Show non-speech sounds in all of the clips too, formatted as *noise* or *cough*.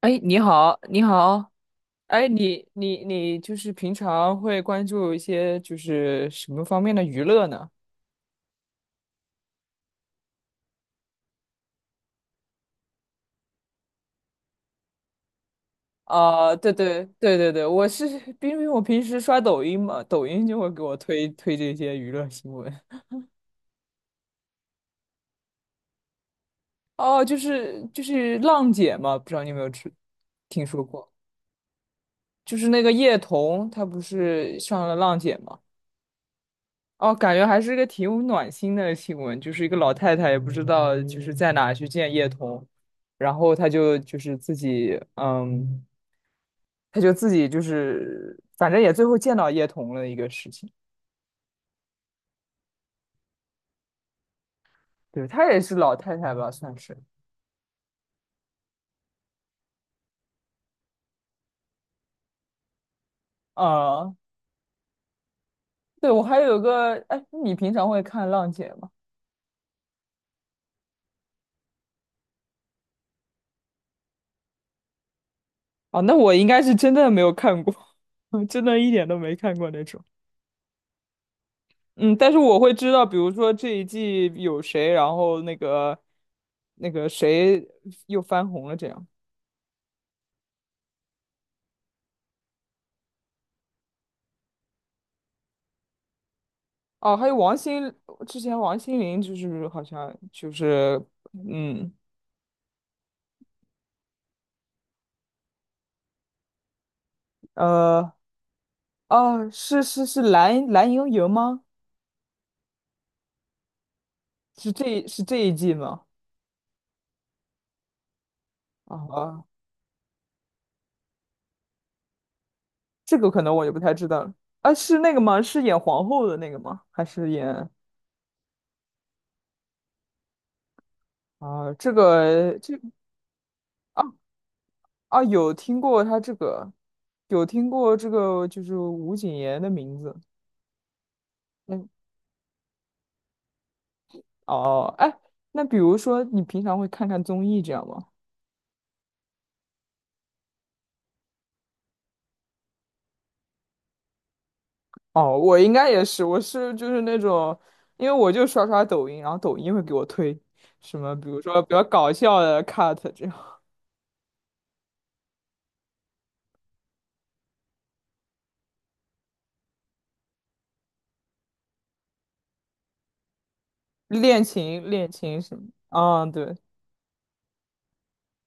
哎，你好，你好，哎，你就是平常会关注一些就是什么方面的娱乐呢？啊、对对对对对，我是因为我平时刷抖音嘛，抖音就会给我推这些娱乐新闻。哦，就是浪姐嘛，不知道你有没有听说过？就是那个叶童，她不是上了浪姐吗？哦，感觉还是个挺有暖心的新闻，就是一个老太太也不知道就是在哪去见叶童，然后她就是自己，她就自己就是反正也最后见到叶童了一个事情，对，她也是老太太吧，算是，啊、对，我还有个，哎，你平常会看浪姐吗？哦，那我应该是真的没有看过，*laughs* 真的一点都没看过那种。嗯，但是我会知道，比如说这一季有谁，然后那个那个谁又翻红了这样。哦，还有王心，之前王心凌就是好像就是嗯呃哦是蓝盈莹吗？是这一季吗？啊啊，这个可能我就不太知道了。啊，是那个吗？是演皇后的那个吗？还是演啊这个这？啊？啊，有听过他这个，有听过这个，就是吴谨言的名字。嗯，哦，哎，那比如说你平常会看看综艺这样吗？哦，我应该也是，我是就是那种，因为我就刷抖音，然后抖音会给我推什么，比如说比较搞笑的 cut 这样，恋情什么。啊，对，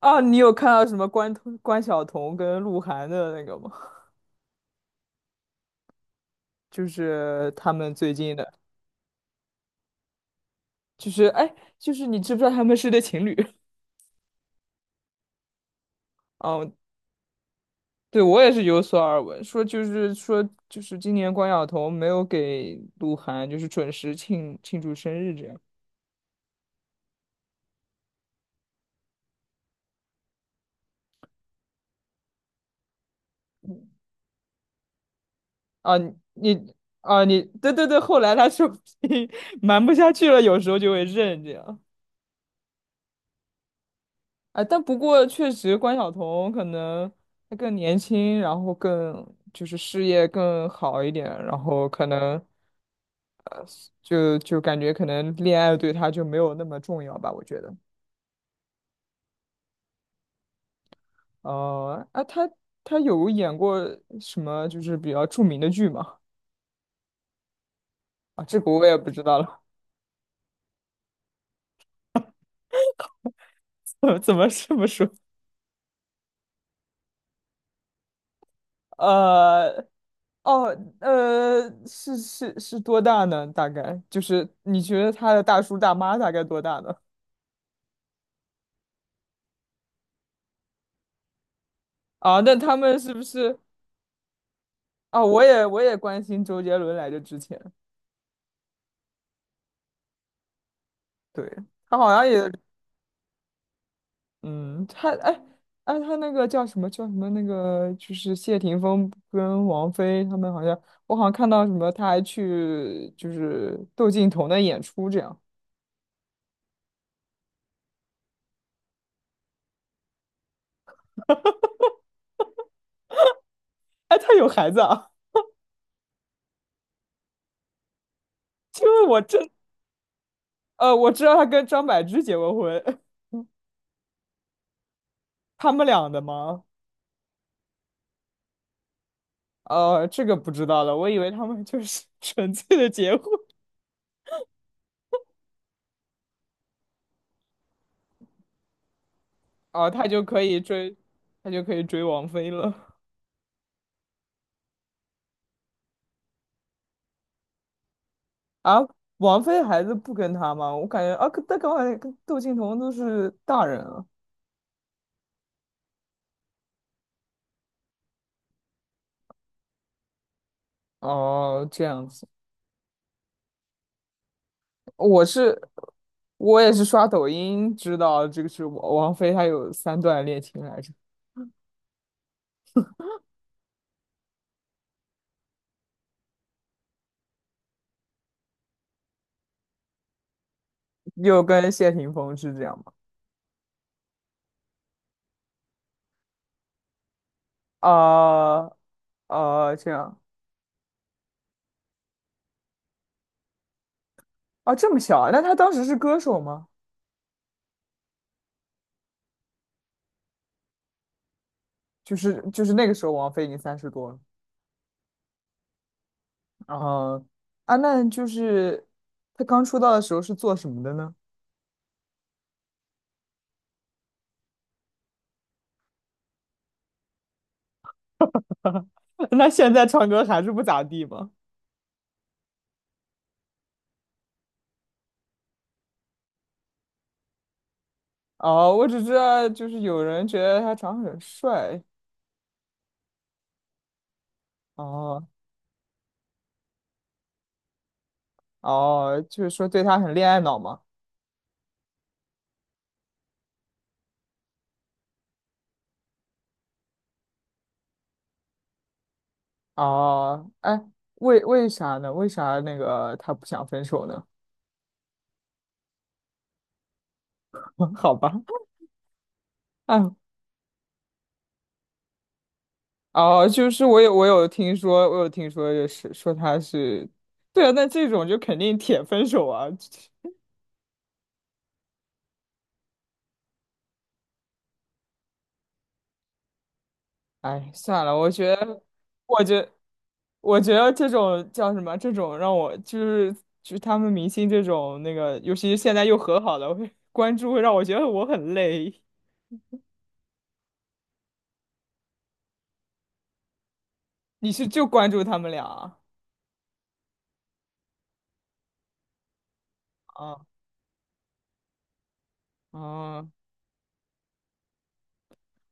啊，你有看到什么关晓彤跟鹿晗的那个吗？就是他们最近的，就是哎，就是你知不知道他们是对情侣？哦，对，我也是有所耳闻，说就是说就是今年关晓彤没有给鹿晗就是准时庆祝生日这样。啊，你啊你对对对，后来他说机 *laughs* 瞒不下去了，有时候就会认这样。啊，但不过确实关晓彤可能她更年轻，然后更就是事业更好一点，然后可能就感觉可能恋爱对她就没有那么重要吧，我觉得。哦啊，他他有演过什么就是比较著名的剧吗？啊，这个我也不知道了。*laughs* 怎么这么说？呃，哦，是多大呢？大概就是你觉得他的大叔大妈大概多大呢？啊，那他们是不是？啊，我也关心周杰伦来着之前，对，他好像也。嗯，他哎哎，他那个叫什么那个，就是谢霆锋跟王菲他们好像，我好像看到什么，他还去就是窦靖童的演出这样。哎，他有孩子啊？*laughs* 因为我真我知道他跟张柏芝结过婚，*laughs* 他们俩的吗？呃，这个不知道了，我以为他们就是 *laughs* 纯粹的结婚，哦、他就可以追，他就可以追王菲了啊。王菲孩子不跟他吗？我感觉啊，可但刚才跟窦靖童都是大人啊。哦，这样子，我是我也是刷抖音知道这个是王菲，她有三段恋情来着，又跟谢霆锋是这样吗？啊、啊，这样啊，这么小啊？那她当时是歌手吗？就是那个时候王菲已经三十多了，啊啊，那就是她刚出道的时候是做什么的呢？*laughs* 那现在唱歌还是不咋地吗？哦，我只知道就是有人觉得他长得很帅。哦，哦，就是说对他很恋爱脑嘛。哦，哎，为啥呢？为啥那个他不想分手呢？*laughs* 好吧，哎，哦，就是我有听说，我有听说，就是说他是，对啊，那这种就肯定铁分手啊。哎，算了，我觉得，我觉我觉得这种叫什么？这种让我就是就是他们明星这种那个，尤其是现在又和好了，会关注会让我觉得我很累。你是就关注他们俩啊？哦啊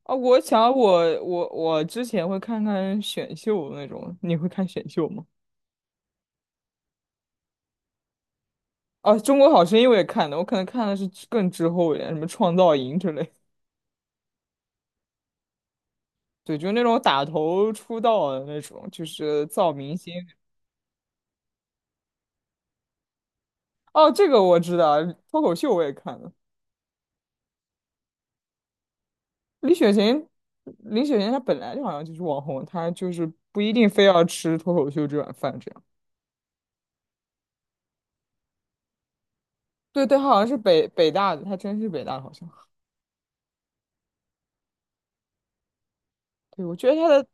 啊！我之前会看看选秀那种，你会看选秀吗？啊，《中国好声音》我也看的，我可能看的是之更滞后一点，什么创造营之类对，就那种打头出道的那种，就是造明星。哦，这个我知道，脱口秀我也看了。李雪琴，李雪琴她本来就好像就是网红，她就是不一定非要吃脱口秀这碗饭这样。对对，她好像是北大的，她真是北大的，好像。对，我觉得她的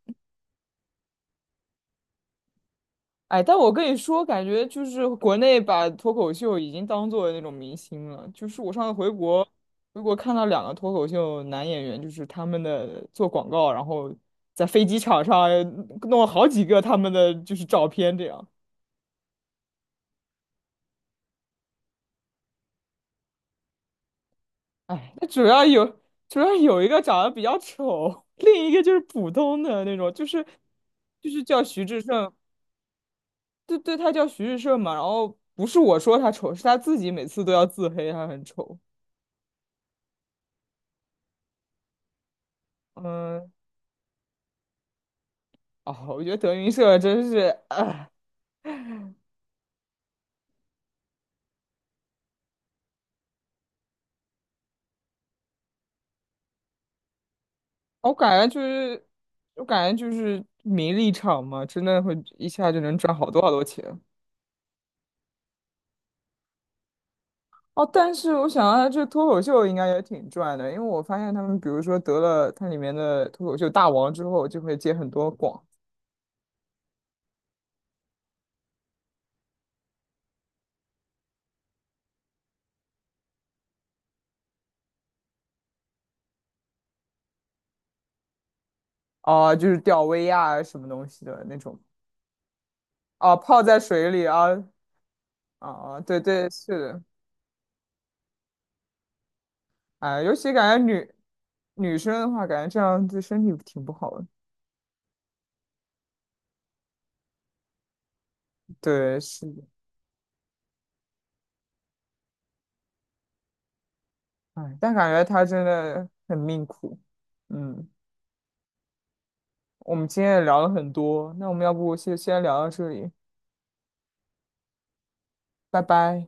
哎，但我跟你说，感觉就是国内把脱口秀已经当做那种明星了。就是我上次回国，回国看到两个脱口秀男演员，就是他们的做广告，然后在飞机场上弄了好几个他们的就是照片，这样。哎，那主要有主要有一个长得比较丑，另一个就是普通的那种，就是叫徐志胜，对对，他叫徐志胜嘛。然后不是我说他丑，是他自己每次都要自黑，他很丑。嗯，哦，我觉得德云社真是，我感觉就是，我感觉就是名利场嘛，真的会一下就能赚好多好多钱。哦，但是我想啊，这脱口秀应该也挺赚的，因为我发现他们，比如说得了它里面的脱口秀大王之后，就会接很多广，啊，就是吊威亚啊什么东西的那种，哦、泡在水里啊，啊、对对，是的，哎，尤其感觉女女生的话，感觉这样对身体挺不好的。对，是的。哎，但感觉他真的很命苦。嗯，我们今天也聊了很多，那我们要不先聊到这里，拜拜。